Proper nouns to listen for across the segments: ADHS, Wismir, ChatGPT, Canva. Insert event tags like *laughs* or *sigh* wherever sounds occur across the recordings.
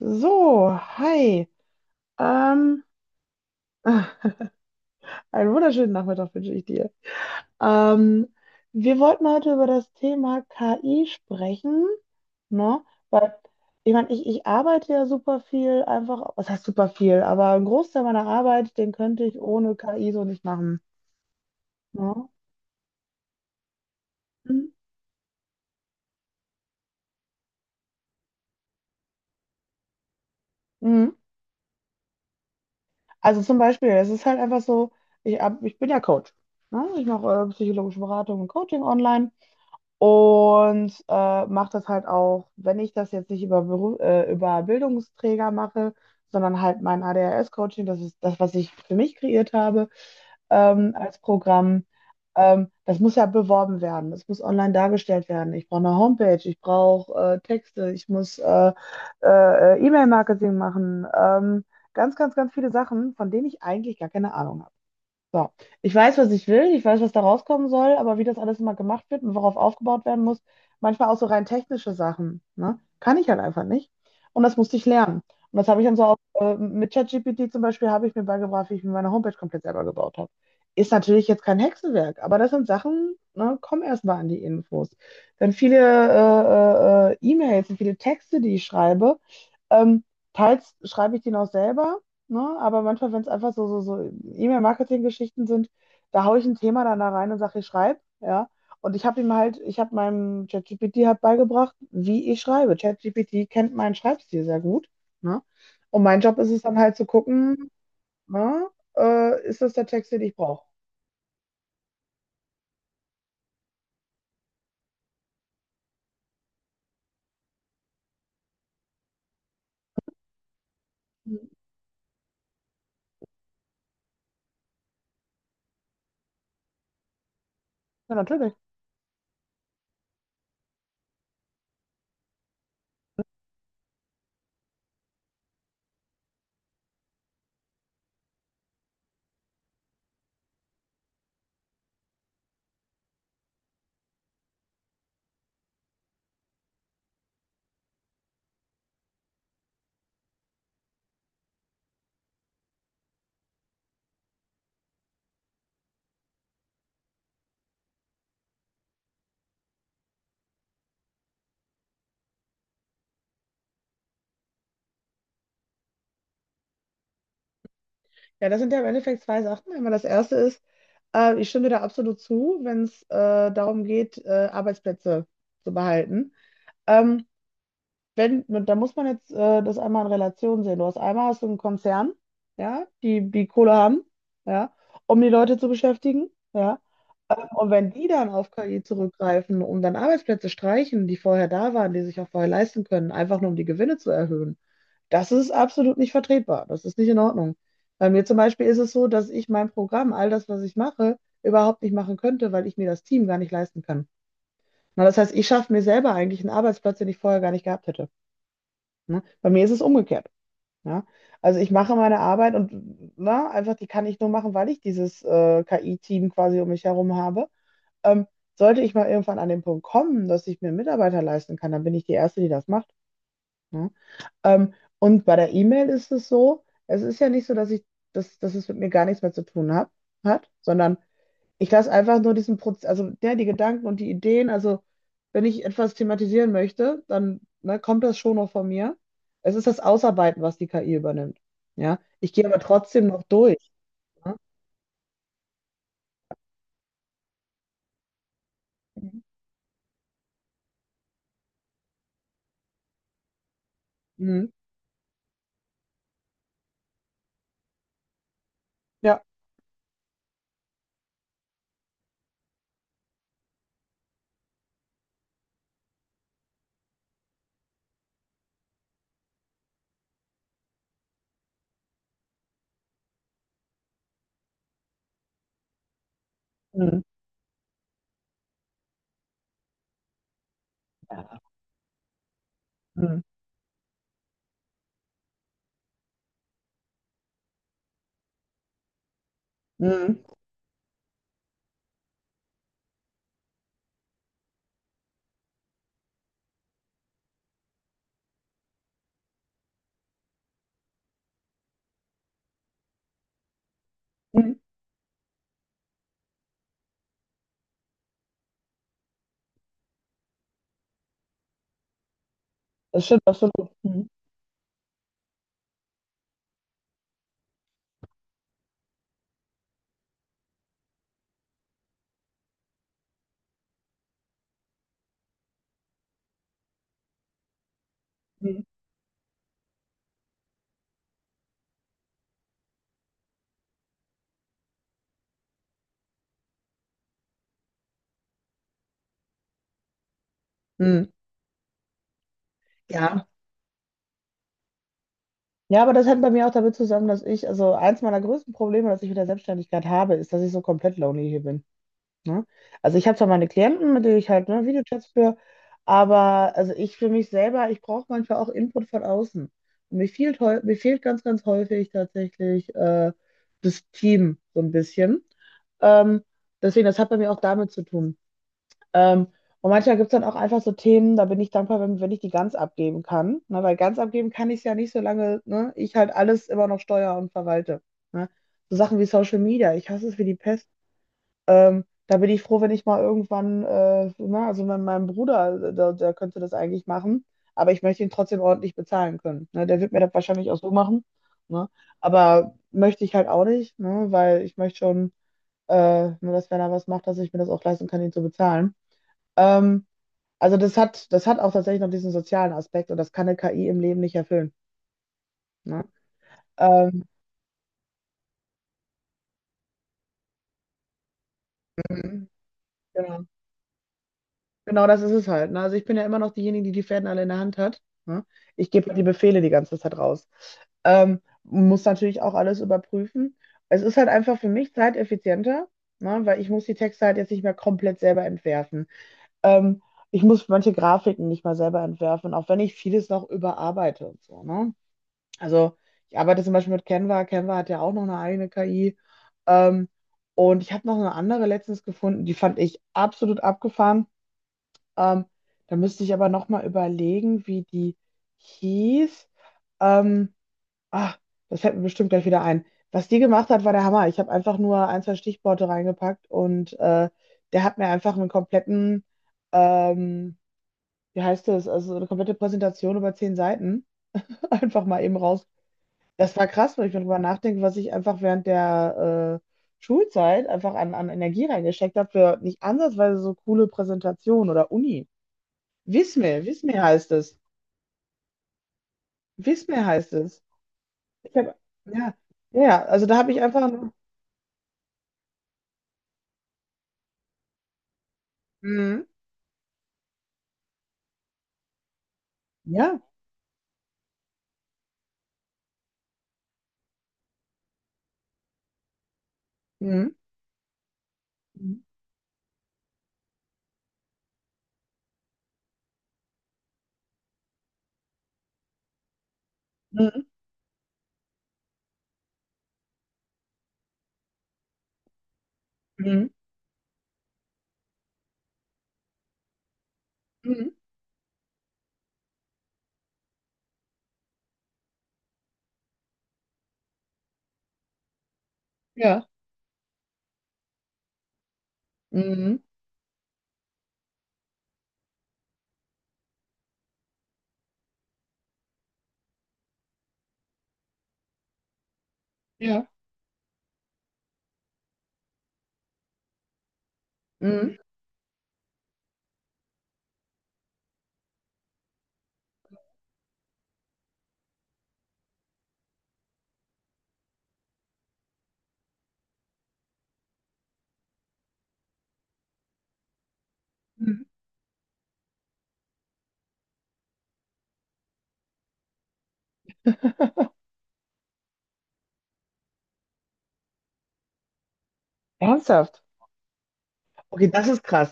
So, hi. Ähm, einen wunderschönen Nachmittag wünsche ich dir. Ähm, Wir wollten heute über das Thema KI sprechen, ne? Weil, ich meine, ich arbeite ja super viel einfach, was heißt super viel, aber einen Großteil meiner Arbeit, den könnte ich ohne KI so nicht machen, ne? Mhm. Mhm. Also zum Beispiel, es ist halt einfach so, ich bin ja Coach, ne? Ich mache psychologische Beratung und Coaching online. Und mache das halt auch, wenn ich das jetzt nicht über Bildungsträger mache, sondern halt mein ADHS-Coaching, das ist das, was ich für mich kreiert habe, als Programm. Das muss ja beworben werden, das muss online dargestellt werden. Ich brauche eine Homepage, ich brauche Texte, ich muss E-Mail-Marketing machen. Ganz viele Sachen, von denen ich eigentlich gar keine Ahnung habe. So, ich weiß, was ich will, ich weiß, was da rauskommen soll, aber wie das alles immer gemacht wird und worauf aufgebaut werden muss, manchmal auch so rein technische Sachen, ne? Kann ich halt einfach nicht. Und das musste ich lernen. Und das habe ich dann so auch mit ChatGPT zum Beispiel, habe ich mir beigebracht, wie ich mir meine Homepage komplett selber gebaut habe. Ist natürlich jetzt kein Hexenwerk, aber das sind Sachen, ne, komm erst mal an die Infos. Dann viele E-Mails und viele Texte, die ich schreibe, ähm, teils schreibe ich die noch selber. Ne? Aber manchmal, wenn es einfach so E-Mail-Marketing-Geschichten sind, da haue ich ein Thema dann da rein und sage, ich schreibe, ja. Und ich habe meinem ChatGPT halt beigebracht, wie ich schreibe. ChatGPT kennt meinen Schreibstil sehr gut, ne? Und mein Job ist es dann halt zu gucken, ne? Ist das der Text, den ich brauche? Ja, natürlich. Ja, das sind ja im Endeffekt zwei Sachen. Einmal das erste ist, ich stimme dir da absolut zu, wenn es darum geht, Arbeitsplätze zu behalten. Ähm, wenn, da muss man jetzt das einmal in Relation sehen. Du hast einmal hast du einen Konzern, ja, die die Kohle haben, ja, um die Leute zu beschäftigen, ja. Und wenn die dann auf KI zurückgreifen und dann Arbeitsplätze streichen, die vorher da waren, die sich auch vorher leisten können, einfach nur um die Gewinne zu erhöhen, das ist absolut nicht vertretbar. Das ist nicht in Ordnung. Bei mir zum Beispiel ist es so, dass ich mein Programm, all das, was ich mache, überhaupt nicht machen könnte, weil ich mir das Team gar nicht leisten kann. Na, das heißt, ich schaffe mir selber eigentlich einen Arbeitsplatz, den ich vorher gar nicht gehabt hätte. Ne? Bei mir ist es umgekehrt. Ja? Also ich mache meine Arbeit und na, einfach die kann ich nur machen, weil ich dieses KI-Team quasi um mich herum habe. Ähm, sollte ich mal irgendwann an den Punkt kommen, dass ich mir einen Mitarbeiter leisten kann, dann bin ich die Erste, die das macht. Ne? Und bei der E-Mail ist es so, es ist ja nicht so, dass es mit mir gar nichts mehr zu tun hat, sondern ich lasse einfach nur diesen Prozess, also der, die Gedanken und die Ideen, also wenn ich etwas thematisieren möchte, dann ne, kommt das schon noch von mir. Es ist das Ausarbeiten, was die KI übernimmt. Ja, ich gehe aber trotzdem noch durch. Ne? Mhm. Mhm. Ja. Mhm. Ja. Mhm. Mhm. Mhm. Das stimmt, das stimmt. Mhm. Mhm. Mhm. Ja. Ja, aber das hängt bei mir auch damit zusammen, dass ich, also eins meiner größten Probleme, das ich mit der Selbstständigkeit habe, ist, dass ich so komplett lonely hier bin. Ne? Also ich habe zwar meine Klienten, mit denen ich halt ne, Videochats führe, aber also ich für mich selber, ich brauche manchmal auch Input von außen. Und mir fehlt ganz, häufig tatsächlich das Team so ein bisschen. Ähm, deswegen, das hat bei mir auch damit zu tun. Ähm, und manchmal gibt es dann auch einfach so Themen, da bin ich dankbar, wenn ich die ganz abgeben kann. Ne? Weil ganz abgeben kann ich es ja nicht, solange ne, ich halt alles immer noch steuere und verwalte. Ne? So Sachen wie Social Media, ich hasse es wie die Pest. Da bin ich froh, wenn ich mal irgendwann, also mein Bruder, der könnte das eigentlich machen, aber ich möchte ihn trotzdem ordentlich bezahlen können. Ne? Der wird mir das wahrscheinlich auch so machen. Ne? Aber möchte ich halt auch nicht, ne? Weil ich möchte schon, nur dass wenn er was macht, dass ich mir das auch leisten kann, ihn zu bezahlen. Ähm, das hat auch tatsächlich noch diesen sozialen Aspekt und das kann eine KI im Leben nicht erfüllen. Ne? Ähm, mhm, genau. Genau das ist es halt. Ne? Also ich bin ja immer noch diejenige, die die Fäden alle in der Hand hat. Ne? Ich gebe halt die Befehle die ganze Zeit raus. Muss natürlich auch alles überprüfen. Es ist halt einfach für mich zeiteffizienter, ne? Weil ich muss die Texte halt jetzt nicht mehr komplett selber entwerfen. Ähm, ich muss manche Grafiken nicht mal selber entwerfen, auch wenn ich vieles noch überarbeite und so, ne? Also ich arbeite zum Beispiel mit Canva. Canva hat ja auch noch eine eigene KI. Ähm, und ich habe noch eine andere letztens gefunden, die fand ich absolut abgefahren. Ähm, da müsste ich aber nochmal überlegen, wie die hieß. Ähm, ah, das fällt mir bestimmt gleich wieder ein. Was die gemacht hat, war der Hammer. Ich habe einfach nur ein, zwei Stichworte reingepackt und der hat mir einfach einen kompletten, ähm, wie heißt das, also eine komplette Präsentation über 10 Seiten *laughs* einfach mal eben raus. Das war krass, wenn ich darüber nachdenke, was ich einfach während der Schulzeit einfach an Energie reingesteckt habe für nicht ansatzweise so coole Präsentationen oder Uni. Wismir heißt es. Wismir heißt es. Ich hab, ja, ja, also da habe ich einfach nur. Mhm. Ja. Mhm. Mhm. Mhm. Mhm. Mhm. Ja. Mhm. Ja. Mhm. Mhm. Ernsthaft. Okay, das ist krass.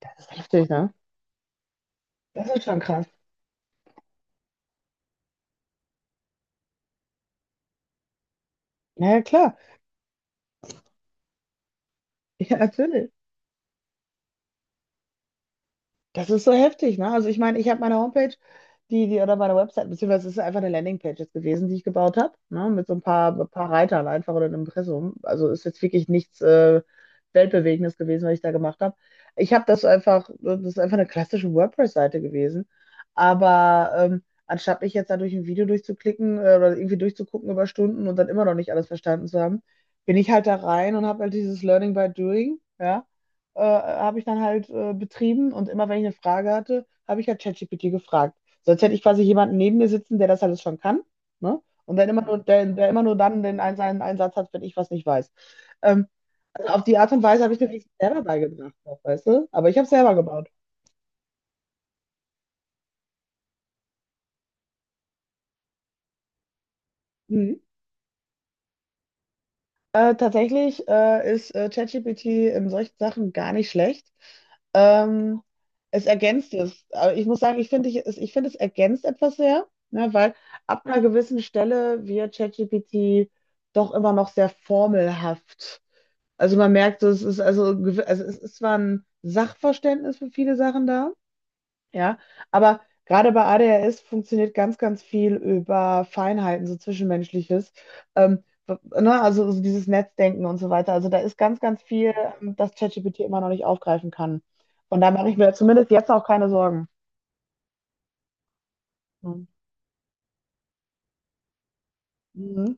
Das ist heftig, ne? Das ist schon krass. Na ja, klar. Ja, natürlich. Das ist so heftig, ne? Also ich meine, ich habe meine Homepage, oder meine Website, beziehungsweise es ist einfach eine Landingpage jetzt gewesen, die ich gebaut habe, ne? Mit so ein paar Reitern einfach oder einem Impressum. Also ist jetzt wirklich nichts Weltbewegendes gewesen, was ich da gemacht habe. Ich habe das einfach, das ist einfach eine klassische WordPress-Seite gewesen. Aber anstatt mich jetzt da durch ein Video durchzuklicken oder irgendwie durchzugucken über Stunden und dann immer noch nicht alles verstanden zu haben, bin ich halt da rein und habe halt dieses Learning by Doing, ja, habe ich dann halt betrieben und immer wenn ich eine Frage hatte, habe ich halt ChatGPT gefragt. Sonst hätte ich quasi jemanden neben mir sitzen, der das alles schon kann, ne? Und dann immer nur, der immer nur dann den einen, seinen Einsatz hat, wenn ich was nicht weiß. Ähm, also auf die Art und Weise habe ich mir das selber beigebracht, weißt du? Aber ich habe es selber gebaut. Mhm. Tatsächlich ist ChatGPT in solchen Sachen gar nicht schlecht. Ähm, es ergänzt es. Aber ich muss sagen, ich finde, es ergänzt etwas sehr, ne, weil ab einer gewissen Stelle wird ChatGPT doch immer noch sehr formelhaft. Also man merkt, es ist also, gewi- also es ist zwar ein Sachverständnis für viele Sachen da, ja, aber gerade bei ADHS funktioniert ganz viel über Feinheiten, so Zwischenmenschliches. Ähm, w- ne, also dieses Netzdenken und so weiter. Also da ist ganz viel, das ChatGPT immer noch nicht aufgreifen kann. Und da mache ich mir zumindest jetzt auch keine Sorgen. Mhm. Mhm.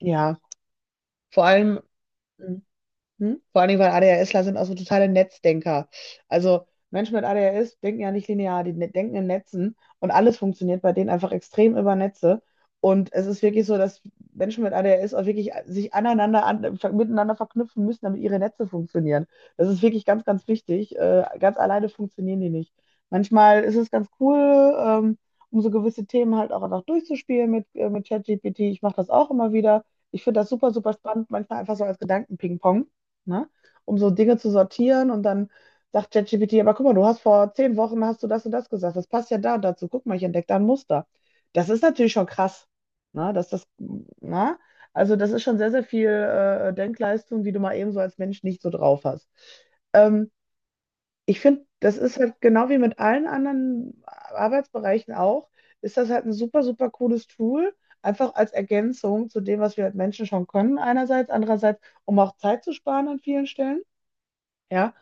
Ja, vor allem. Hm? Vor allen Dingen, weil ADHSler sind auch so totale Netzdenker. Also Menschen mit ADHS denken ja nicht linear, denken in Netzen und alles funktioniert bei denen einfach extrem über Netze. Und es ist wirklich so, dass Menschen mit ADHS auch wirklich sich miteinander verknüpfen müssen, damit ihre Netze funktionieren. Das ist wirklich ganz wichtig. Ganz alleine funktionieren die nicht. Manchmal ist es ganz cool, ähm, um so gewisse Themen halt auch einfach durchzuspielen mit ChatGPT. Ich mache das auch immer wieder. Ich finde das super, super spannend, manchmal einfach so als Gedanken-Ping-Pong, ne? Um so Dinge zu sortieren und dann sagt ChatGPT, aber guck mal, du hast vor 10 Wochen hast du das und das gesagt. Das passt ja da und dazu. Guck mal, ich entdecke da ein Muster. Das ist natürlich schon krass, ne? Ne? Also das ist schon sehr, sehr viel Denkleistung, die du mal eben so als Mensch nicht so drauf hast. Ähm, ich finde, das ist halt genau wie mit allen anderen Arbeitsbereichen auch, ist das halt ein super, super cooles Tool, einfach als Ergänzung zu dem, was wir als Menschen schon können, einerseits, andererseits, um auch Zeit zu sparen an vielen Stellen. Ja,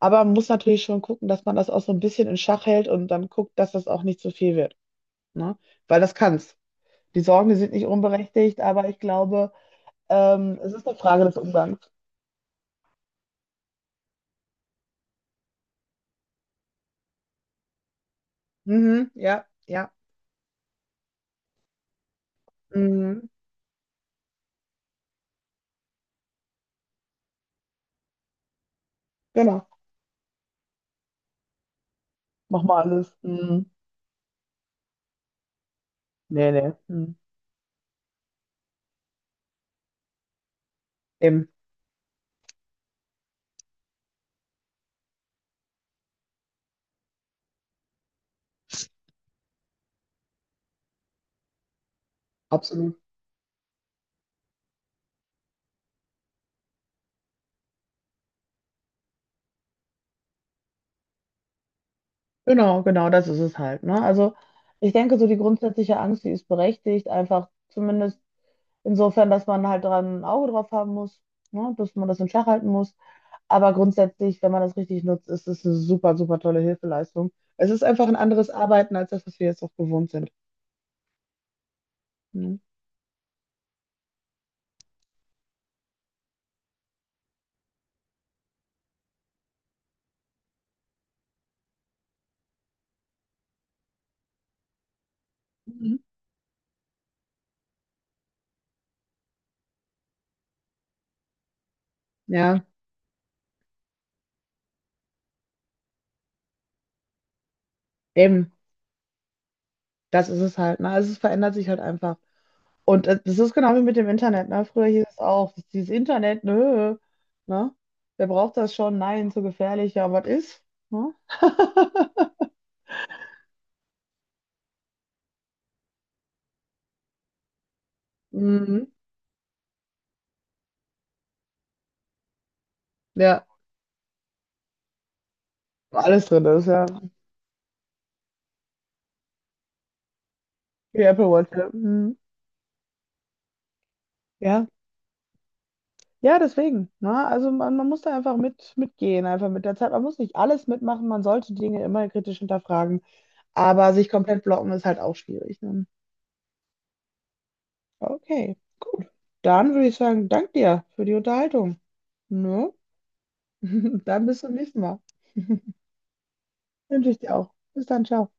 aber man muss natürlich schon gucken, dass man das auch so ein bisschen in Schach hält und dann guckt, dass das auch nicht zu viel wird. Ne? Weil das kann's. Die Sorgen, die sind nicht unberechtigt, aber ich glaube, es ist eine Frage des Umgangs. Mhm, ja, ja. Mhm, genau. Mach mal alles. Mhm. Nee, nee. Mhm. Eben. Absolut. Genau, genau, das ist es halt. Ne? Also ich denke, so die grundsätzliche Angst, die ist berechtigt, einfach zumindest insofern, dass man halt dran ein Auge drauf haben muss, ne? Dass man das in Schach halten muss. Aber grundsätzlich, wenn man das richtig nutzt, ist es eine super, super tolle Hilfeleistung. Es ist einfach ein anderes Arbeiten als das, was wir jetzt auch gewohnt sind. Ne? Mhm. Ja, eben. Das ist es halt. Ne? Also es verändert sich halt einfach. Und das ist genau wie mit dem Internet. Ne? Früher hieß es auch, dieses Internet, nö. Ne? Wer braucht das schon? Nein, zu gefährlich. Ja, was ist? Ne? *laughs* Mhm. Ja, alles drin ist, ja. Die Apple Watch. Ja. Mhm. Ja. Ja, deswegen. Ne? Also man muss da einfach mitgehen, einfach mit der Zeit. Man muss nicht alles mitmachen, man sollte die Dinge immer kritisch hinterfragen, aber sich komplett blocken ist halt auch schwierig. Ne? Okay, gut. Dann würde ich sagen, dank dir für die Unterhaltung. Ne? *laughs* Dann bis zum nächsten Mal. Wünsche ich dir auch. Bis dann, ciao.